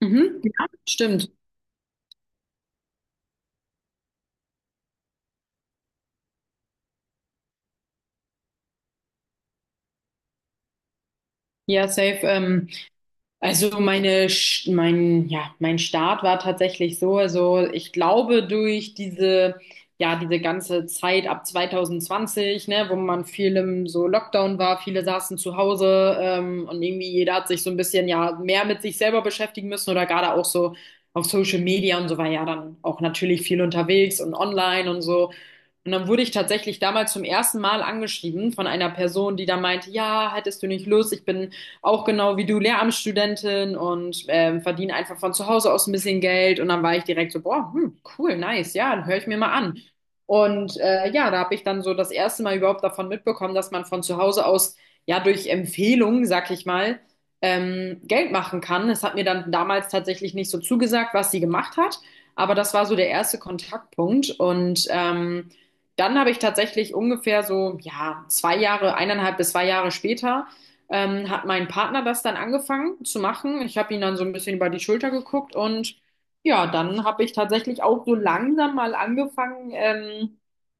Mhm. Ja, stimmt. Ja, safe. Also meine, Sch- mein, ja, mein Start war tatsächlich so. Also ich glaube durch diese ganze Zeit ab 2020, ne, wo man viel im so Lockdown war, viele saßen zu Hause, und irgendwie jeder hat sich so ein bisschen ja mehr mit sich selber beschäftigen müssen oder gerade auch so auf Social Media und so war ja dann auch natürlich viel unterwegs und online und so. Und dann wurde ich tatsächlich damals zum ersten Mal angeschrieben von einer Person, die da meinte, ja, hättest du nicht Lust, ich bin auch genau wie du Lehramtsstudentin und verdiene einfach von zu Hause aus ein bisschen Geld. Und dann war ich direkt so, boah, hm, cool, nice, ja, dann höre ich mir mal an. Und ja, da habe ich dann so das erste Mal überhaupt davon mitbekommen, dass man von zu Hause aus, ja, durch Empfehlungen, sag ich mal, Geld machen kann. Es hat mir dann damals tatsächlich nicht so zugesagt, was sie gemacht hat. Aber das war so der erste Kontaktpunkt. Dann habe ich tatsächlich ungefähr so, ja, zwei Jahre, eineinhalb bis zwei Jahre später, hat mein Partner das dann angefangen zu machen. Ich habe ihn dann so ein bisschen über die Schulter geguckt und ja, dann habe ich tatsächlich auch so langsam mal angefangen,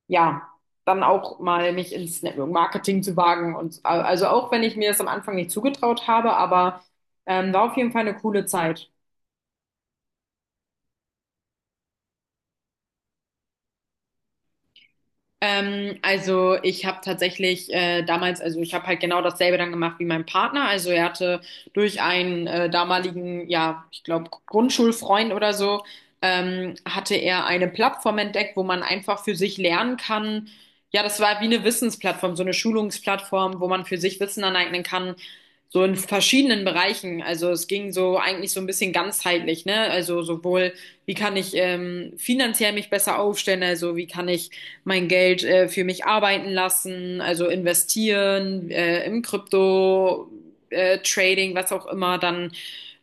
ja, dann auch mal mich ins Network Marketing zu wagen. Und also auch wenn ich mir das am Anfang nicht zugetraut habe, aber war auf jeden Fall eine coole Zeit. Also ich habe tatsächlich damals, also ich habe halt genau dasselbe dann gemacht wie mein Partner. Also er hatte durch einen damaligen, ja, ich glaube, Grundschulfreund oder so, hatte er eine Plattform entdeckt, wo man einfach für sich lernen kann. Ja, das war wie eine Wissensplattform, so eine Schulungsplattform, wo man für sich Wissen aneignen kann so in verschiedenen Bereichen. Also es ging so eigentlich so ein bisschen ganzheitlich, ne? Also sowohl, wie kann ich finanziell mich besser aufstellen, also wie kann ich mein Geld für mich arbeiten lassen, also investieren im Krypto, Trading, was auch immer, dann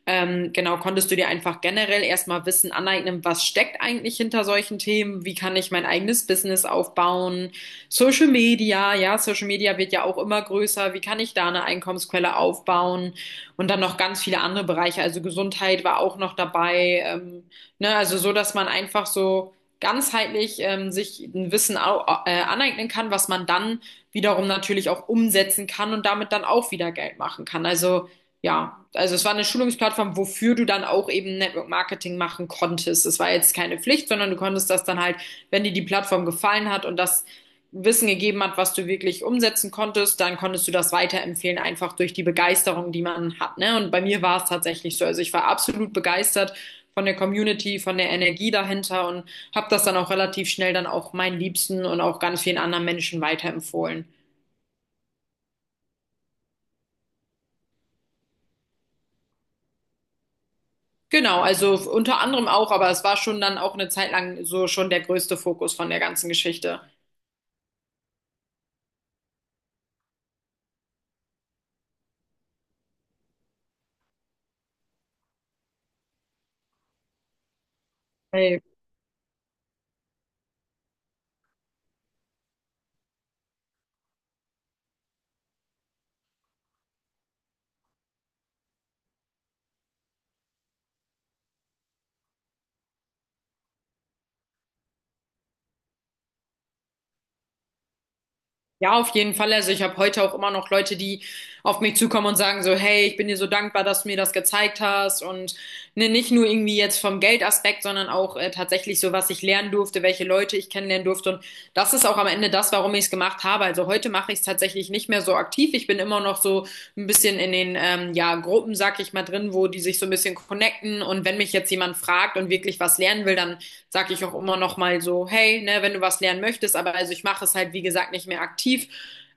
genau, konntest du dir einfach generell erstmal Wissen aneignen, was steckt eigentlich hinter solchen Themen, wie kann ich mein eigenes Business aufbauen, Social Media, ja, Social Media wird ja auch immer größer. Wie kann ich da eine Einkommensquelle aufbauen? Und dann noch ganz viele andere Bereiche. Also Gesundheit war auch noch dabei. Ne? Also so, dass man einfach so ganzheitlich sich ein Wissen au aneignen kann, was man dann wiederum natürlich auch umsetzen kann und damit dann auch wieder Geld machen kann. Also ja, also es war eine Schulungsplattform, wofür du dann auch eben Network Marketing machen konntest. Es war jetzt keine Pflicht, sondern du konntest das dann halt, wenn dir die Plattform gefallen hat und das Wissen gegeben hat, was du wirklich umsetzen konntest, dann konntest du das weiterempfehlen, einfach durch die Begeisterung, die man hat. Ne? Und bei mir war es tatsächlich so. Also ich war absolut begeistert von der Community, von der Energie dahinter und habe das dann auch relativ schnell dann auch meinen Liebsten und auch ganz vielen anderen Menschen weiterempfohlen. Genau, also unter anderem auch, aber es war schon dann auch eine Zeit lang so schon der größte Fokus von der ganzen Geschichte. Hey, ja, auf jeden Fall. Also ich habe heute auch immer noch Leute, die auf mich zukommen und sagen so, hey, ich bin dir so dankbar, dass du mir das gezeigt hast. Und ne, nicht nur irgendwie jetzt vom Geldaspekt, sondern auch tatsächlich so, was ich lernen durfte, welche Leute ich kennenlernen durfte. Und das ist auch am Ende das, warum ich es gemacht habe. Also heute mache ich es tatsächlich nicht mehr so aktiv. Ich bin immer noch so ein bisschen in den ja, Gruppen, sag ich mal, drin, wo die sich so ein bisschen connecten. Und wenn mich jetzt jemand fragt und wirklich was lernen will, dann sag ich auch immer noch mal so, hey, ne, wenn du was lernen möchtest, aber also ich mache es halt, wie gesagt, nicht mehr aktiv.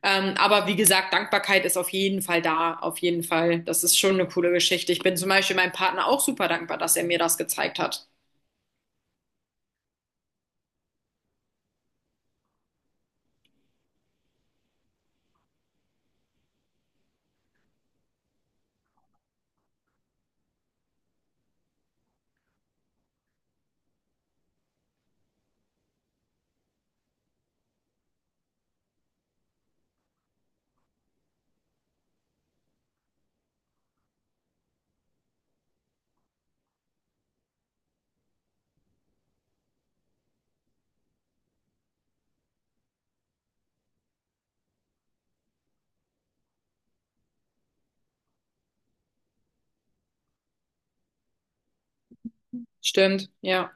Aber wie gesagt, Dankbarkeit ist auf jeden Fall da, auf jeden Fall. Das ist schon eine coole Geschichte. Ich bin zum Beispiel meinem Partner auch super dankbar, dass er mir das gezeigt hat. Stimmt, ja.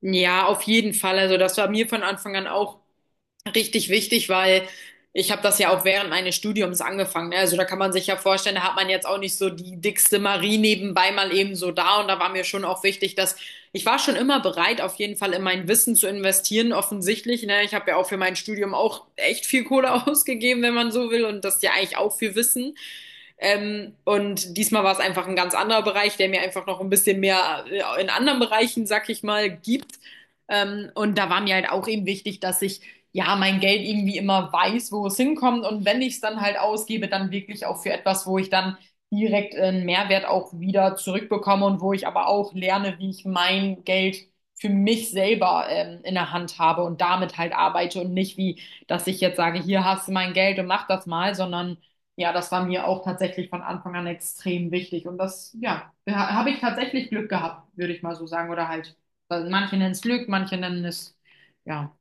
Ja, auf jeden Fall. Also das war mir von Anfang an auch richtig wichtig, weil ich habe das ja auch während meines Studiums angefangen. Ne? Also da kann man sich ja vorstellen, da hat man jetzt auch nicht so die dickste Marie nebenbei mal eben so da. Und da war mir schon auch wichtig, dass ich war schon immer bereit, auf jeden Fall in mein Wissen zu investieren, offensichtlich. Ne? Ich habe ja auch für mein Studium auch echt viel Kohle ausgegeben, wenn man so will. Und das ist ja eigentlich auch viel Wissen. Und diesmal war es einfach ein ganz anderer Bereich, der mir einfach noch ein bisschen mehr in anderen Bereichen, sag ich mal, gibt. Und da war mir halt auch eben wichtig, dass ich ja, mein Geld irgendwie immer weiß, wo es hinkommt. Und wenn ich es dann halt ausgebe, dann wirklich auch für etwas, wo ich dann direkt einen Mehrwert auch wieder zurückbekomme und wo ich aber auch lerne, wie ich mein Geld für mich selber in der Hand habe und damit halt arbeite und nicht wie, dass ich jetzt sage, hier hast du mein Geld und mach das mal, sondern ja, das war mir auch tatsächlich von Anfang an extrem wichtig und das, ja, habe ich tatsächlich Glück gehabt, würde ich mal so sagen oder halt, manche nennen es Glück, manche nennen es, ja.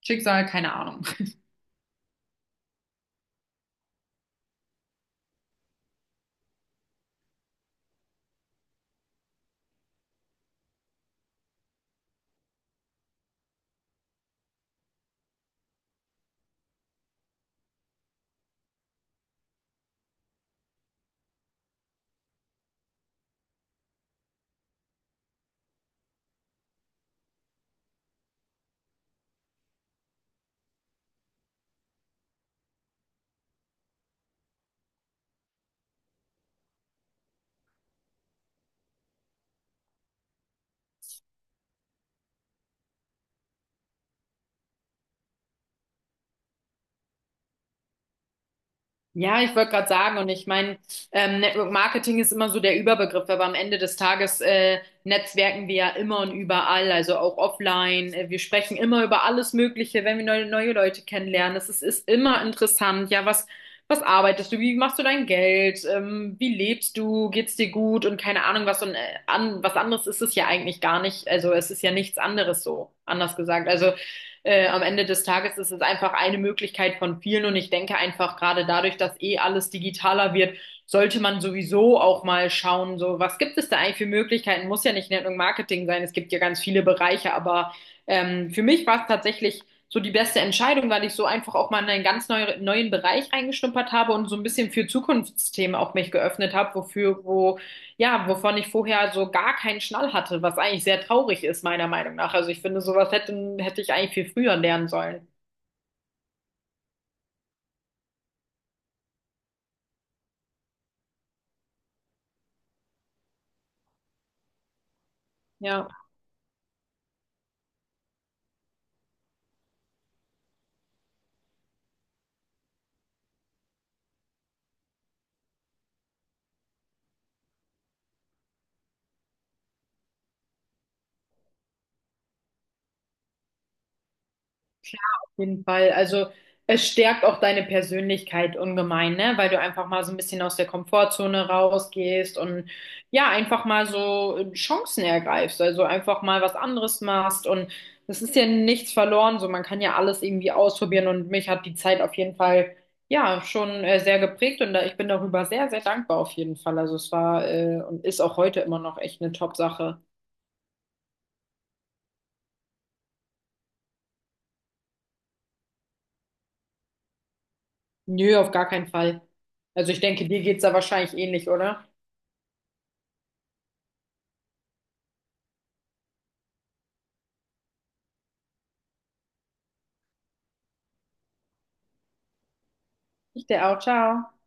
Schicksal, keine Ahnung. Ja, ich wollte gerade sagen, und ich meine, Network Marketing ist immer so der Überbegriff, aber am Ende des Tages netzwerken wir ja immer und überall, also auch offline. Wir sprechen immer über alles Mögliche, wenn wir neue Leute kennenlernen. Ist immer interessant. Was arbeitest du? Wie machst du dein Geld? Wie lebst du? Geht's dir gut? Und keine Ahnung, was, was anderes ist es ja eigentlich gar nicht. Also es ist ja nichts anderes so, anders gesagt. Also am Ende des Tages ist es einfach eine Möglichkeit von vielen und ich denke einfach gerade dadurch, dass eh alles digitaler wird, sollte man sowieso auch mal schauen, so was gibt es da eigentlich für Möglichkeiten? Muss ja nicht Network Marketing sein, es gibt ja ganz viele Bereiche, aber für mich war es tatsächlich so die beste Entscheidung, weil ich so einfach auch mal in einen ganz neuen Bereich reingeschnuppert habe und so ein bisschen für Zukunftsthemen auch mich geöffnet habe, wo ja, wovon ich vorher so gar keinen Schnall hatte, was eigentlich sehr traurig ist, meiner Meinung nach. Also ich finde, sowas hätte ich eigentlich viel früher lernen sollen. Ja. Jeden Fall. Also es stärkt auch deine Persönlichkeit ungemein, ne? Weil du einfach mal so ein bisschen aus der Komfortzone rausgehst und ja, einfach mal so Chancen ergreifst, also einfach mal was anderes machst und das ist ja nichts verloren, so man kann ja alles irgendwie ausprobieren und mich hat die Zeit auf jeden Fall ja schon sehr geprägt und da, ich bin darüber sehr, sehr dankbar auf jeden Fall. Also es war und ist auch heute immer noch echt eine Top-Sache. Nö, auf gar keinen Fall. Also ich denke, dir geht's da wahrscheinlich ähnlich, oder? Ich dir auch. Ciao.